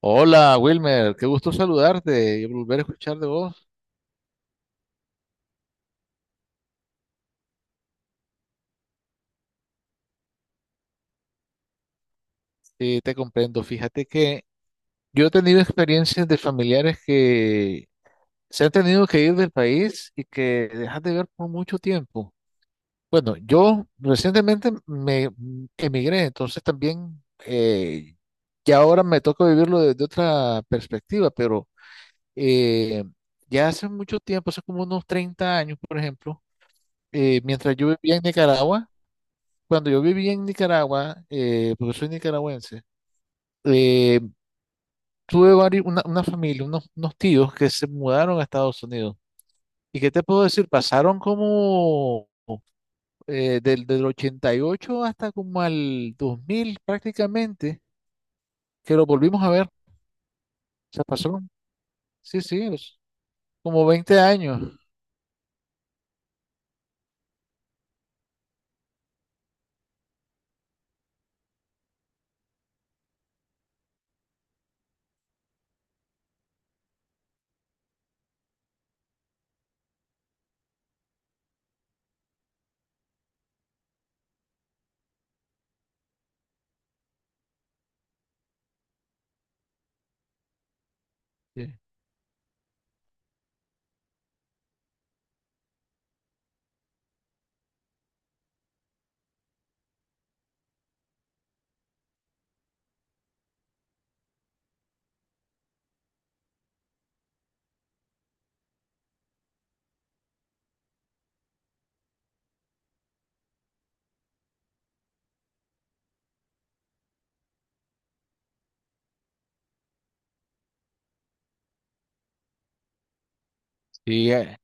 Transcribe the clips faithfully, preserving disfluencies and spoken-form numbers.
Hola Wilmer, qué gusto saludarte y volver a escuchar de vos. Sí, te comprendo. Fíjate que yo he tenido experiencias de familiares que se han tenido que ir del país y que dejan de ver por mucho tiempo. Bueno, yo recientemente me emigré, entonces también eh, ya ahora me toca vivirlo desde otra perspectiva, pero eh, ya hace mucho tiempo, hace como unos treinta años, por ejemplo, eh, mientras yo vivía en Nicaragua, cuando yo viví en Nicaragua, eh, porque soy nicaragüense, eh, tuve vari- una, una familia, unos, unos tíos que se mudaron a Estados Unidos. ¿Y qué te puedo decir? Pasaron como eh, del, del ochenta y ocho hasta como al dos mil prácticamente, que lo volvimos a ver. O sea, pasaron, sí, sí, los- como veinte años. Sí, Sí, eh,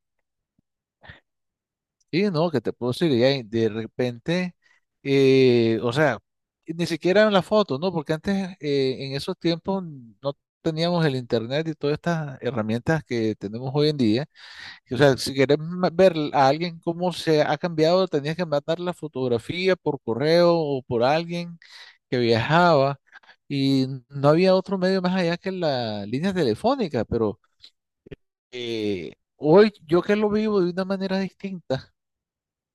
Y no, que te puedo decir, y ahí de repente, eh, o sea, ni siquiera en la foto, ¿no? Porque antes, eh, en esos tiempos, no teníamos el internet y todas estas herramientas que tenemos hoy en día. Y, o sea, si querés ma- ver a alguien cómo se ha cambiado, tenías que mandar la fotografía por correo o por alguien que viajaba. Y no había otro medio más allá que la línea telefónica, pero eh, hoy yo que lo vivo de una manera distinta,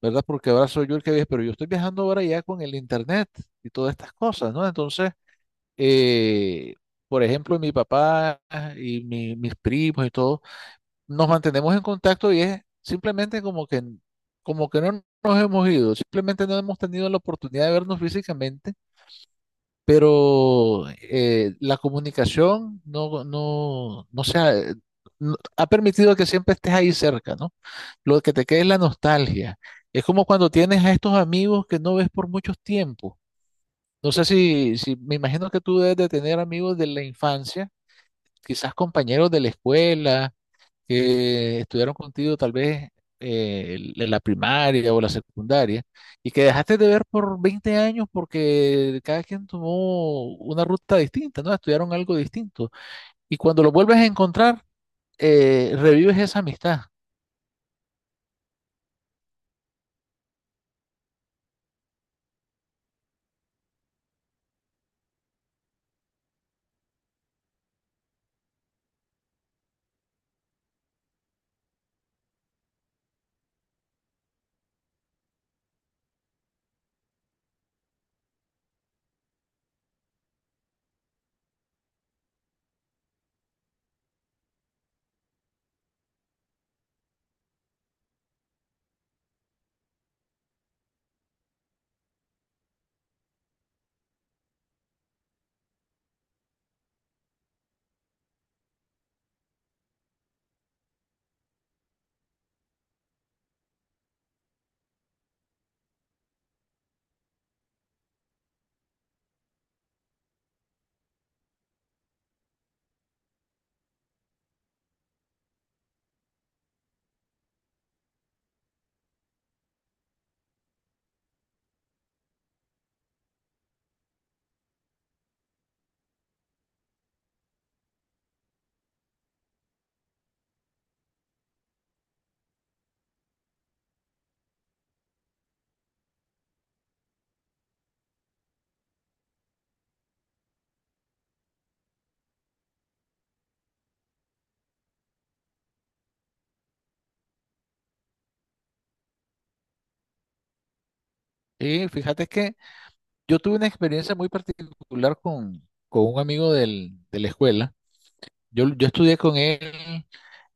¿verdad? Porque ahora soy yo el que viaja, pero yo estoy viajando ahora ya con el internet y todas estas cosas, ¿no? Entonces, eh, por ejemplo, mi papá y mi- mis primos y todo, nos mantenemos en contacto y es simplemente como que, como que no nos hemos ido, simplemente no hemos tenido la oportunidad de vernos físicamente, pero eh, la comunicación no, no, no se ha, eh, no- ha permitido que siempre estés ahí cerca, ¿no? Lo que te queda es la nostalgia. Es como cuando tienes a estos amigos que no ves por muchos tiempos. No sé si, si me imagino que tú debes de tener amigos de la infancia, quizás compañeros de la escuela que estudiaron contigo tal vez eh, el- en la primaria o la secundaria y que dejaste de ver por veinte años porque cada quien tomó una ruta distinta, ¿no? Estudiaron algo distinto. Y cuando lo vuelves a encontrar, eh, revives esa amistad. Y fíjate que yo tuve una experiencia muy particular con, con un amigo del- de la escuela. Yo, yo estudié con él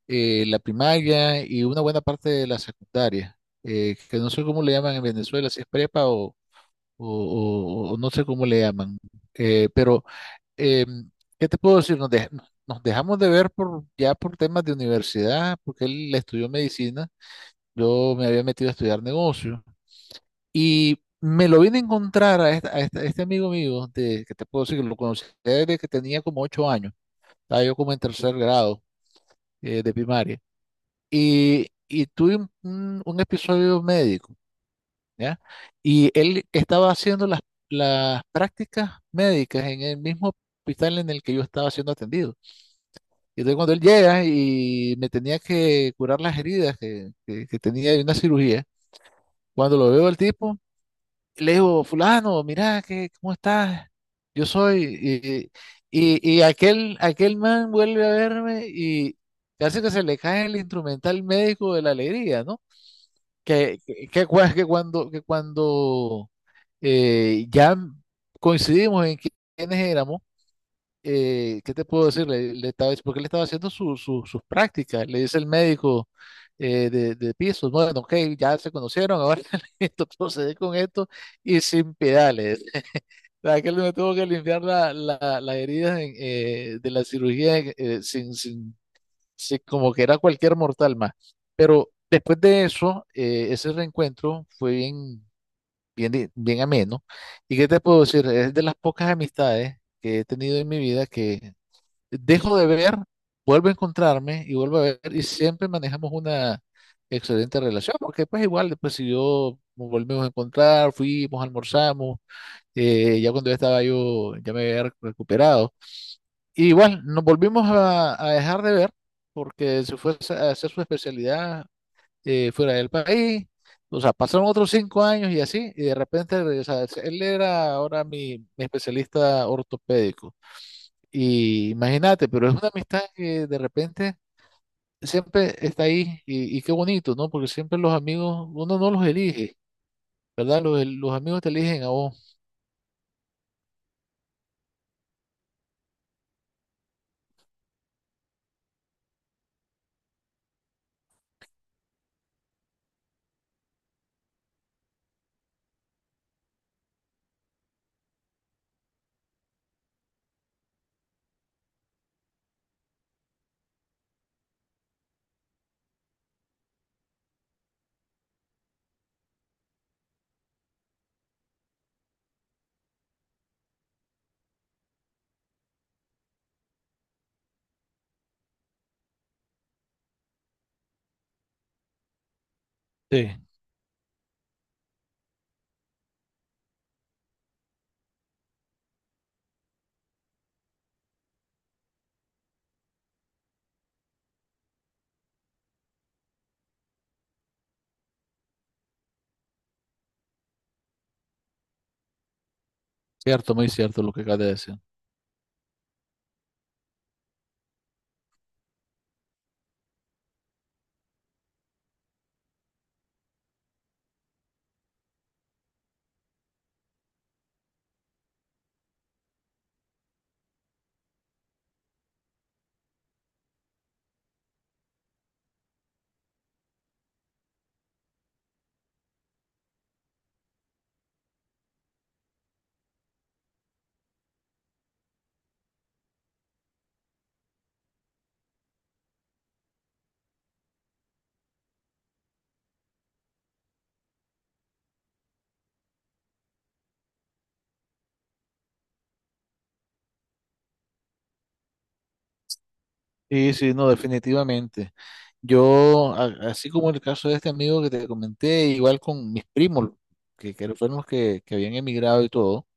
eh, la primaria y una buena parte de la secundaria, eh, que no sé cómo le llaman en Venezuela, si es prepa o, o- o no sé cómo le llaman. Eh, pero, eh, ¿qué te puedo decir? Nos, dej- nos dejamos de ver por, ya por temas de universidad, porque él estudió medicina, yo me había metido a estudiar negocio y me lo vine a encontrar a, esta- a esta- a este amigo mío, de, que te puedo decir que lo conocí desde que tenía como ocho años, estaba yo como en tercer grado eh, de primaria, y, y tuve un un- un episodio médico. ¿Ya? Y él estaba haciendo las, las prácticas médicas en el mismo hospital en el que yo estaba siendo atendido. Y entonces cuando él llega y me tenía que curar las heridas que, que, que tenía de una cirugía, cuando lo veo al tipo, le digo, fulano, mira, que, ¿cómo estás? Yo soy. Y, y, y aquel, aquel man vuelve a verme y casi que se le cae el instrumental médico de la alegría, ¿no? Que, que, que cua- que cuando, que cuando eh, ya coincidimos en qui- quiénes éramos. Eh, ¿qué te puedo decir? Le, le estaba, porque él estaba haciendo su- su- sus prácticas. Le dice el médico eh, de, de pisos, bueno, ok, ya se conocieron, ahora listo, procede con esto y sin pedales. Que él me tuvo que limpiar la, la- las heridas en, eh, de la cirugía, eh, eh, sin, sin, sin- como que era cualquier mortal más. Pero después de eso, eh, ese reencuentro fue bien bien, di- bien ameno. ¿Y qué te puedo decir? Es de las pocas amistades que he tenido en mi vida que dejo de ver, vuelvo a encontrarme y vuelvo a ver y siempre manejamos una excelente relación, porque pues igual después si yo nos volvimos a encontrar, fuimos, almorzamos, eh, ya cuando ya estaba yo, ya me había rec- recuperado. Y igual nos volvimos a, a dejar de ver porque se fue a hacer su especialidad eh, fuera del país. O sea, pasaron otros cinco años y así, y de repente, o sea, él era ahora mi, mi especialista ortopédico. Y imagínate, pero es una amistad que de repente siempre está ahí y, y qué bonito, ¿no? Porque siempre los amigos, uno no los elige, ¿verdad? Los, los amigos te eligen a vos. Sí, cierto, muy cierto lo que acabas de decir. Sí, sí, no, definitivamente. Yo, a- así como el caso de este amigo que te comenté, igual con mis primos, que, que fueron los que, que habían emigrado y todo.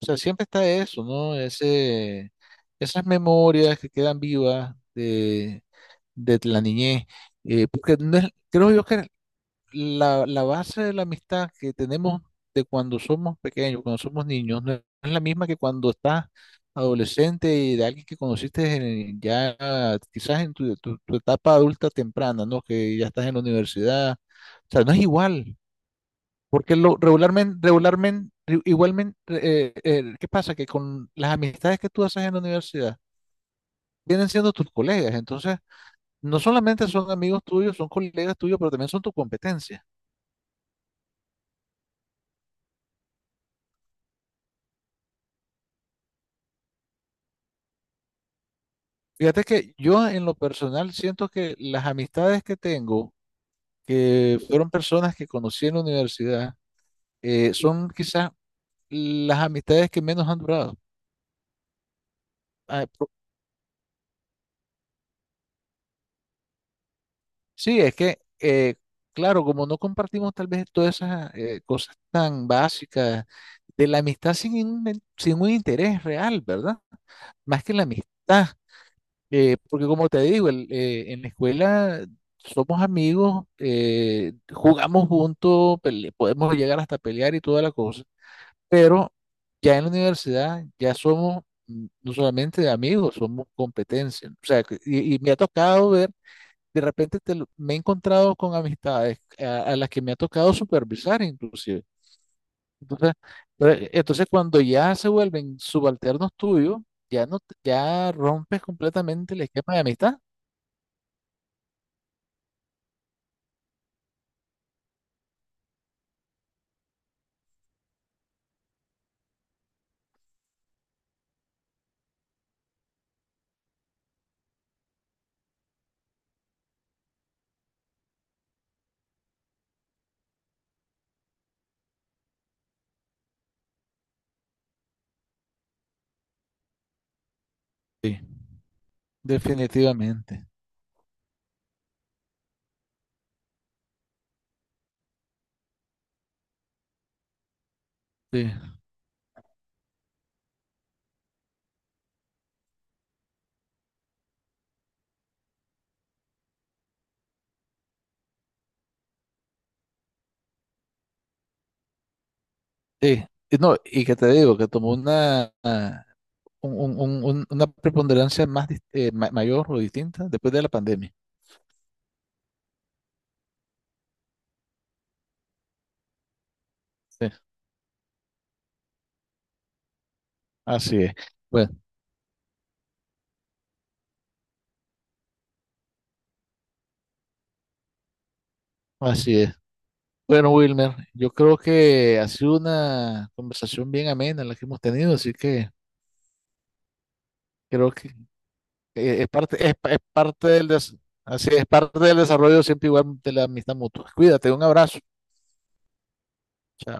O sea, siempre está eso, ¿no? Ese, esas memorias que quedan vivas de, de la niñez. Eh, porque no es- creo yo que la, la base de la amistad que tenemos de cuando somos pequeños, cuando somos niños, no es la misma que cuando estás adolescente y de alguien que conociste en- ya quizás en tu, tu- tu etapa adulta temprana, ¿no? Que ya estás en la universidad. O sea, no es igual, porque lo, regularmente, regularmente, igualmente, eh, eh, ¿qué pasa? Que con las amistades que tú haces en la universidad, vienen siendo tus colegas, entonces no solamente son amigos tuyos, son colegas tuyos, pero también son tu competencia. Fíjate que yo en lo personal siento que las amistades que tengo, que fueron personas que conocí en la universidad, eh, son quizás las amistades que menos han durado. Ah, po- sí, es que, eh, claro, como no compartimos tal vez todas esas eh, cosas tan básicas de la amistad sin, un- sin un interés real, ¿verdad? Más que la amistad. Eh, porque como te digo, el- eh, en la escuela somos amigos, eh, jugamos juntos, pele- podemos llegar hasta pelear y toda la cosa, pero ya en la universidad ya somos, mm, no solamente amigos, somos competencia. O sea, que- y, y me ha tocado ver, de repente te lo- me he encontrado con amistades a, a las que me ha tocado supervisar inclusive. Entonces, eh, entonces cuando ya se vuelven subalternos tuyos, ya no, te- ya rompes completamente el esquema de amistad. Sí, definitivamente. Sí, sí. Y no, y que te digo, que tomó una, una- un- un- un- un- una preponderancia más dis- eh, ma- mayor o distinta después de la pandemia. Sí, así es. Bueno, así es. Bueno, Wilmer, yo creo que ha sido una conversación bien amena la que hemos tenido, así que creo que eh, es parte, es, pa- es parte del des- así es, parte del desarrollo siempre igual de la amistad mutua. Cuídate, un abrazo. Chao.